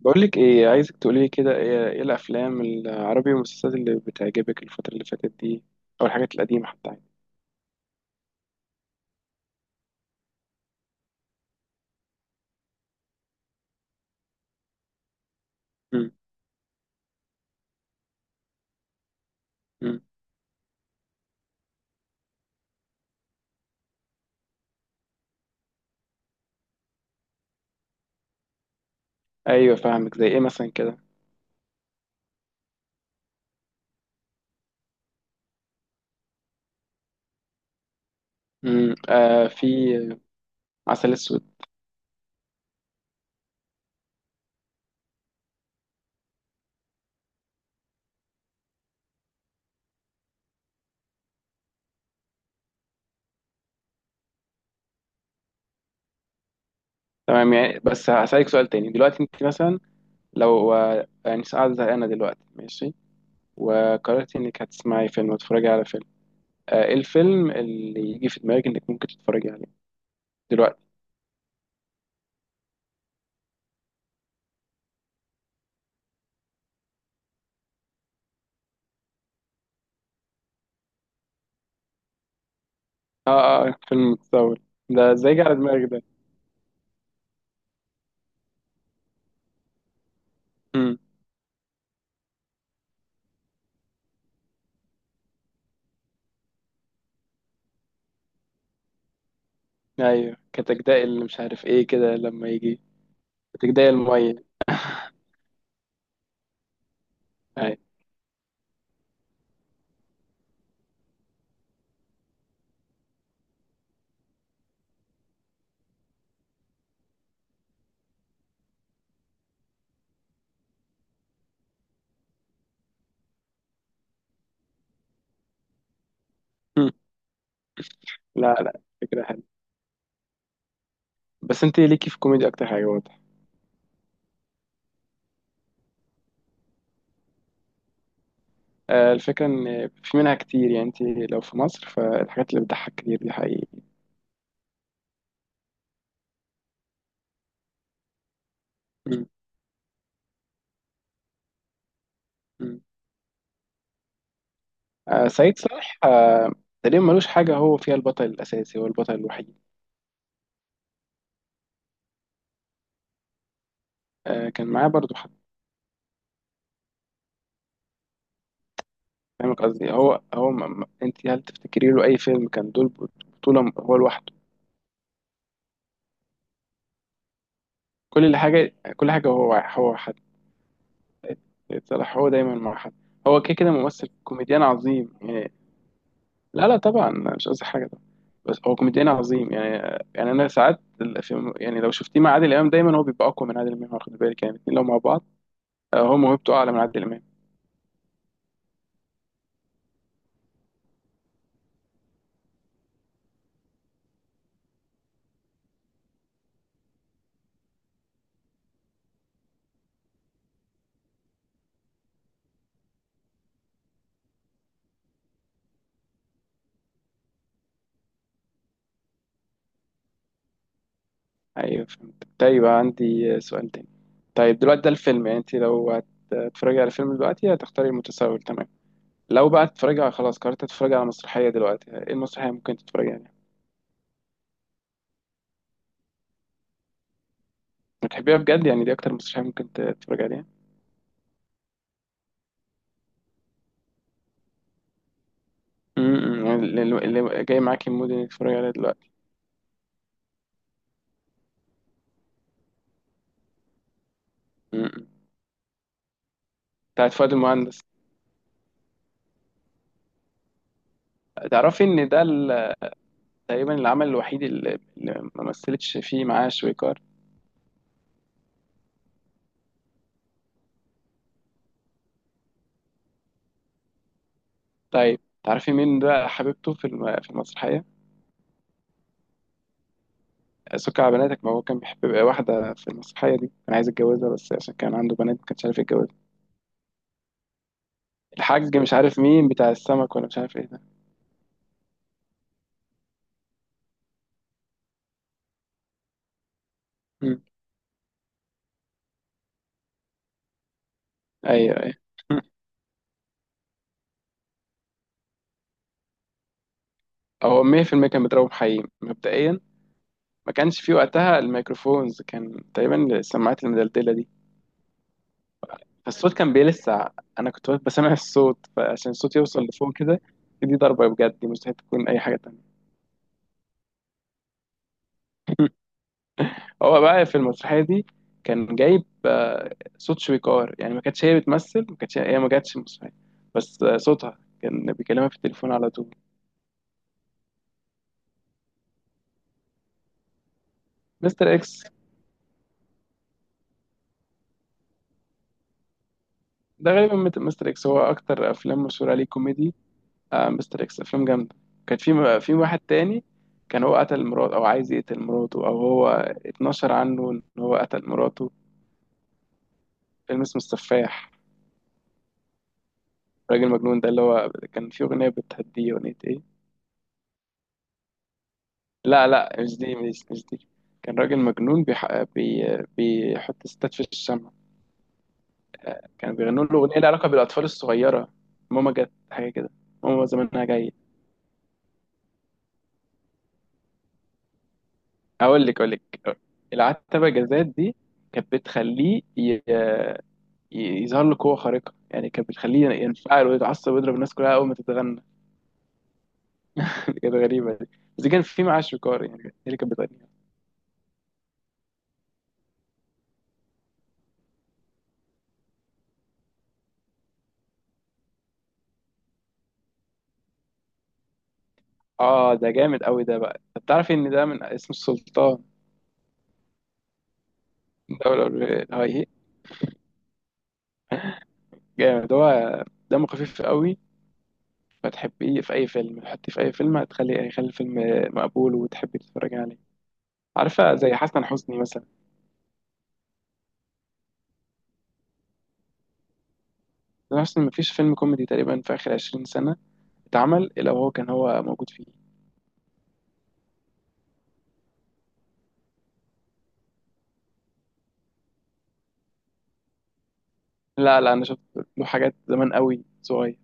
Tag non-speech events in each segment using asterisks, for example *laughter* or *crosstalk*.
بقول لك ايه، عايزك تقولي لي كده، إيه الافلام العربي والمسلسلات اللي بتعجبك الفتره اللي فاتت دي، او الحاجات القديمه حتى يعني. امم امم ايوه، فاهمك. زي ايه مثلا كده؟ آه، في. عسل اسود. تمام، يعني. بس هسألك سؤال تاني دلوقتي، انت مثلا لو يعني قاعده زهقانه دلوقتي، ماشي، وقررتي انك هتسمعي فيلم وتتفرجي على فيلم، ايه الفيلم اللي يجي في دماغك انك ممكن تتفرجي عليه دلوقتي؟ اه، اه، فيلم متصور. ده ازاي جه على دماغك ده؟ مم. ايوه، كتجداء اللي مش عارف ايه كده، لما يجي كتجداء الميه. ايوه. مم. لا، لا، فكره حلوه. بس انت ليكي في الكوميديا اكتر حاجه، واضح. الفكره ان في منها كتير يعني. انت لو في مصر فالحاجات اللي بتضحك كتير دي حقيقي. مم. مم. سعيد صالح تقريبا ملوش حاجه هو فيها البطل الاساسي، هو البطل الوحيد. كان معاه برضو حد. فاهمك قصدي. هو انت هل تفتكري له اي فيلم كان دول بطوله هو لوحده؟ كل اللي حاجه كل حاجه، هو صلاح هو دايما مع حد. هو كده كده ممثل كوميديان عظيم يعني. لا، لا، طبعا، مش قصدي حاجه طبعا. بس هو كوميديان عظيم يعني. انا ساعات في يعني، لو شفتيه مع عادل امام دايما هو بيبقى اقوى من عادل امام، واخد بالك؟ يعني الاثنين لو مع بعض، هو موهبته اعلى من عادل امام. ايوه، فهمت. طيب عندي سؤال تاني. طيب دلوقتي ده الفيلم يعني، انت لو هتتفرجي على فيلم دلوقتي هتختاري المتسول، تمام. لو بقى هتتفرجي على، خلاص قررت تتفرجي على مسرحيه دلوقتي، ايه المسرحيه ممكن تتفرجي عليها؟ بتحبيها بجد يعني؟ دي اكتر مسرحيه ممكن تتفرجي عليها؟ يعني اللي جاي معاكي المود انك تتفرجي عليها دلوقتي. امم بتاعت فؤاد المهندس. تعرفي ان ده تقريبا العمل الوحيد اللي ما مثلتش فيه معاه شويكار. طيب تعرفي مين بقى حبيبته في في المسرحيه؟ سكر على بناتك، ما هو كان بيحب واحده في المسرحيه دي، كان عايز يتجوزها بس عشان كان عنده بنات ما كانش عارف يتجوزها. الحاج مش عارف مين، بتاع السمك، ولا مش عارف ايه ده. امم. ايوه، ايوه. *laughs* هو 100% كان بيضربه بحقيقي مبدئيا. ما كانش فيه وقتها الميكروفونز، كان تقريبا السماعات المدلدله دي. فالصوت كان بيلسع. انا كنت واقف بسمع الصوت، فعشان الصوت يوصل لفوق كده، دي ضربة بجد، دي مستحيل تكون اي حاجة تانية. هو بقى في المسرحية دي كان جايب صوت شويكار يعني، ما كانتش هي بتمثل، ما كانتش هي، ما جاتش المسرحية. بس صوتها كان بيكلمها في التليفون على طول. مستر اكس، ده غالبا مستر اكس هو اكتر افلام مشهورة عليه كوميدي. مستر اكس افلام جامدة. كان في واحد تاني، كان هو قتل مراته، او عايز يقتل مراته، او هو اتنشر عنه ان هو قتل مراته. فيلم اسمه السفاح، راجل مجنون، ده اللي هو كان في أغنية بتهديه. أغنية إيه؟ لا، لا، مش دي، مش دي. كان راجل مجنون، بيحط ستات في الشمع. كان بيغنوا له أغنية لها علاقة بالأطفال الصغيرة. ماما جت، حاجة كده. ماما زمانها جاية. أقول لك، العتبة جزات دي كانت بتخليه يظهر له قوة خارقة يعني، كانت بتخليه ينفعل ويتعصب ويضرب الناس كلها أول ما تتغنى. *laughs* كانت غريبة دي. بس دي كان في معاه شويكار يعني، هي اللي كانت بتغني. اه، ده جامد قوي ده، بقى انت بتعرف ان ده من اسم السلطان، دولة الهاي. جامد هو، دمه خفيف قوي. فتحبيه في اي فيلم، تحطيه في اي فيلم يخلي الفيلم مقبول وتحبي تتفرجي عليه. عارفة زي حسن حسني مثلا. حسن حسني مفيش فيلم كوميدي تقريبا في اخر 20 سنة اتعمل الا وهو كان هو موجود فيه. لا، لا، انا شفت له حاجات زمان قوي، صغير.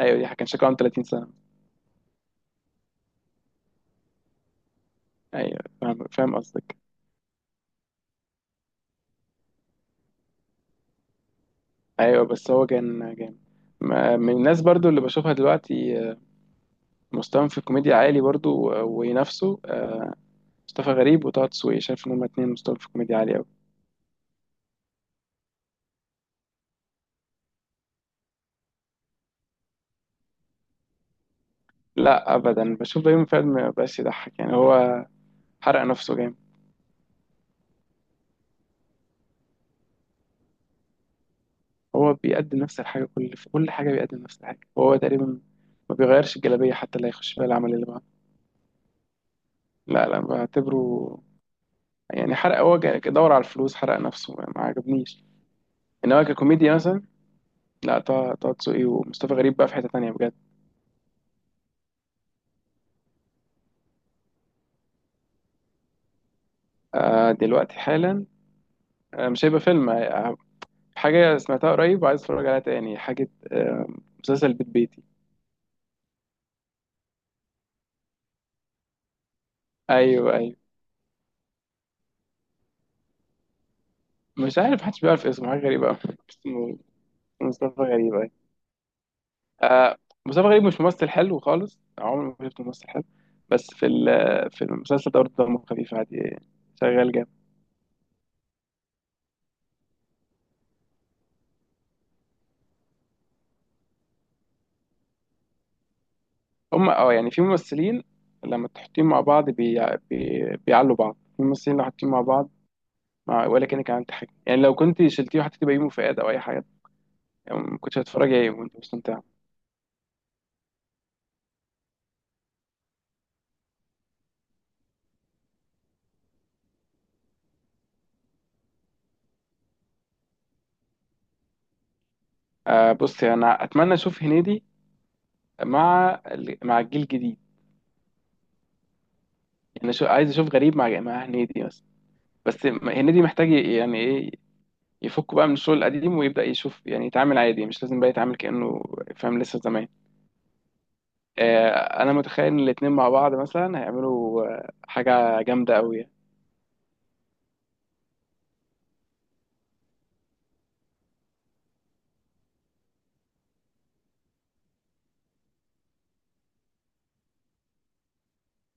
ايوه، دي كان شكله عنده 30 سنة. ايوه، فاهم فاهم قصدك. ايوه، بس هو كان جامد. من الناس برضو اللي بشوفها دلوقتي مستواهم في الكوميديا عالي برضو، وينافسوا مصطفى غريب وطه دسوقي، شايف ان هما اتنين مستواهم في الكوميديا عالي قوي. لا، ابدا، بشوف بيومي فؤاد ما بقاش يضحك يعني، هو حرق نفسه جامد. هو بيقدم نفس الحاجه كل، في كل حاجه بيقدم نفس الحاجه وهو تقريبا ما بيغيرش الجلابيه حتى اللي هيخش فيها العمل اللي بعده. لا، لا، بعتبره يعني حرق، هو دور على الفلوس حرق نفسه ما عجبنيش. انما ككوميديا مثلا، لا، طه دسوقي ومصطفى غريب بقى في حته تانيه بجد. دلوقتي حالا، مش هيبقى فيلم. حاجة سمعتها قريب وعايز اتفرج عليها تاني حاجة، مسلسل بيت بيتي. ايوه، ايوه. مش عارف، محدش بيعرف اسمه، حاجة غريبة أوي. اسمه مصطفى غريب، ايوه. آه. مصطفى غريب مش ممثل حلو خالص، عمري ما شفت ممثل حلو. بس في في المسلسل ده برضه دمه خفيف عادي، شغال جامد. هم، اه، يعني في ممثلين لما تحطيهم مع بعض بيعلوا بعض. في ممثلين لو حاطين مع بعض مع... ولا كأنك عملت حاجة يعني، لو كنت شلتيه وحطيتيه بيومي فؤاد او اي حاجة يعني ما كنتش هتتفرج عليه وانت مستمتع. آه، بصي، انا اتمنى اشوف هنيدي مع مع الجيل الجديد. يعني شو عايز اشوف، غريب مع هنيدي بس. بس هنيدي محتاج يعني ايه، يفك بقى من الشغل القديم ويبدا يشوف، يعني يتعامل عادي، مش لازم بقى يتعامل كانه فاهم لسه زمان. آه، انا متخيل ان الاتنين مع بعض مثلا هيعملوا حاجه جامده قوي.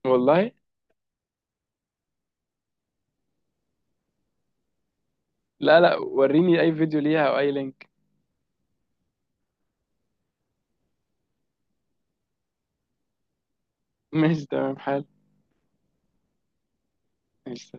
والله. لا، لا، وريني اي فيديو ليها او اي لينك. *laughs* ماشي، تمام حال. ماشي.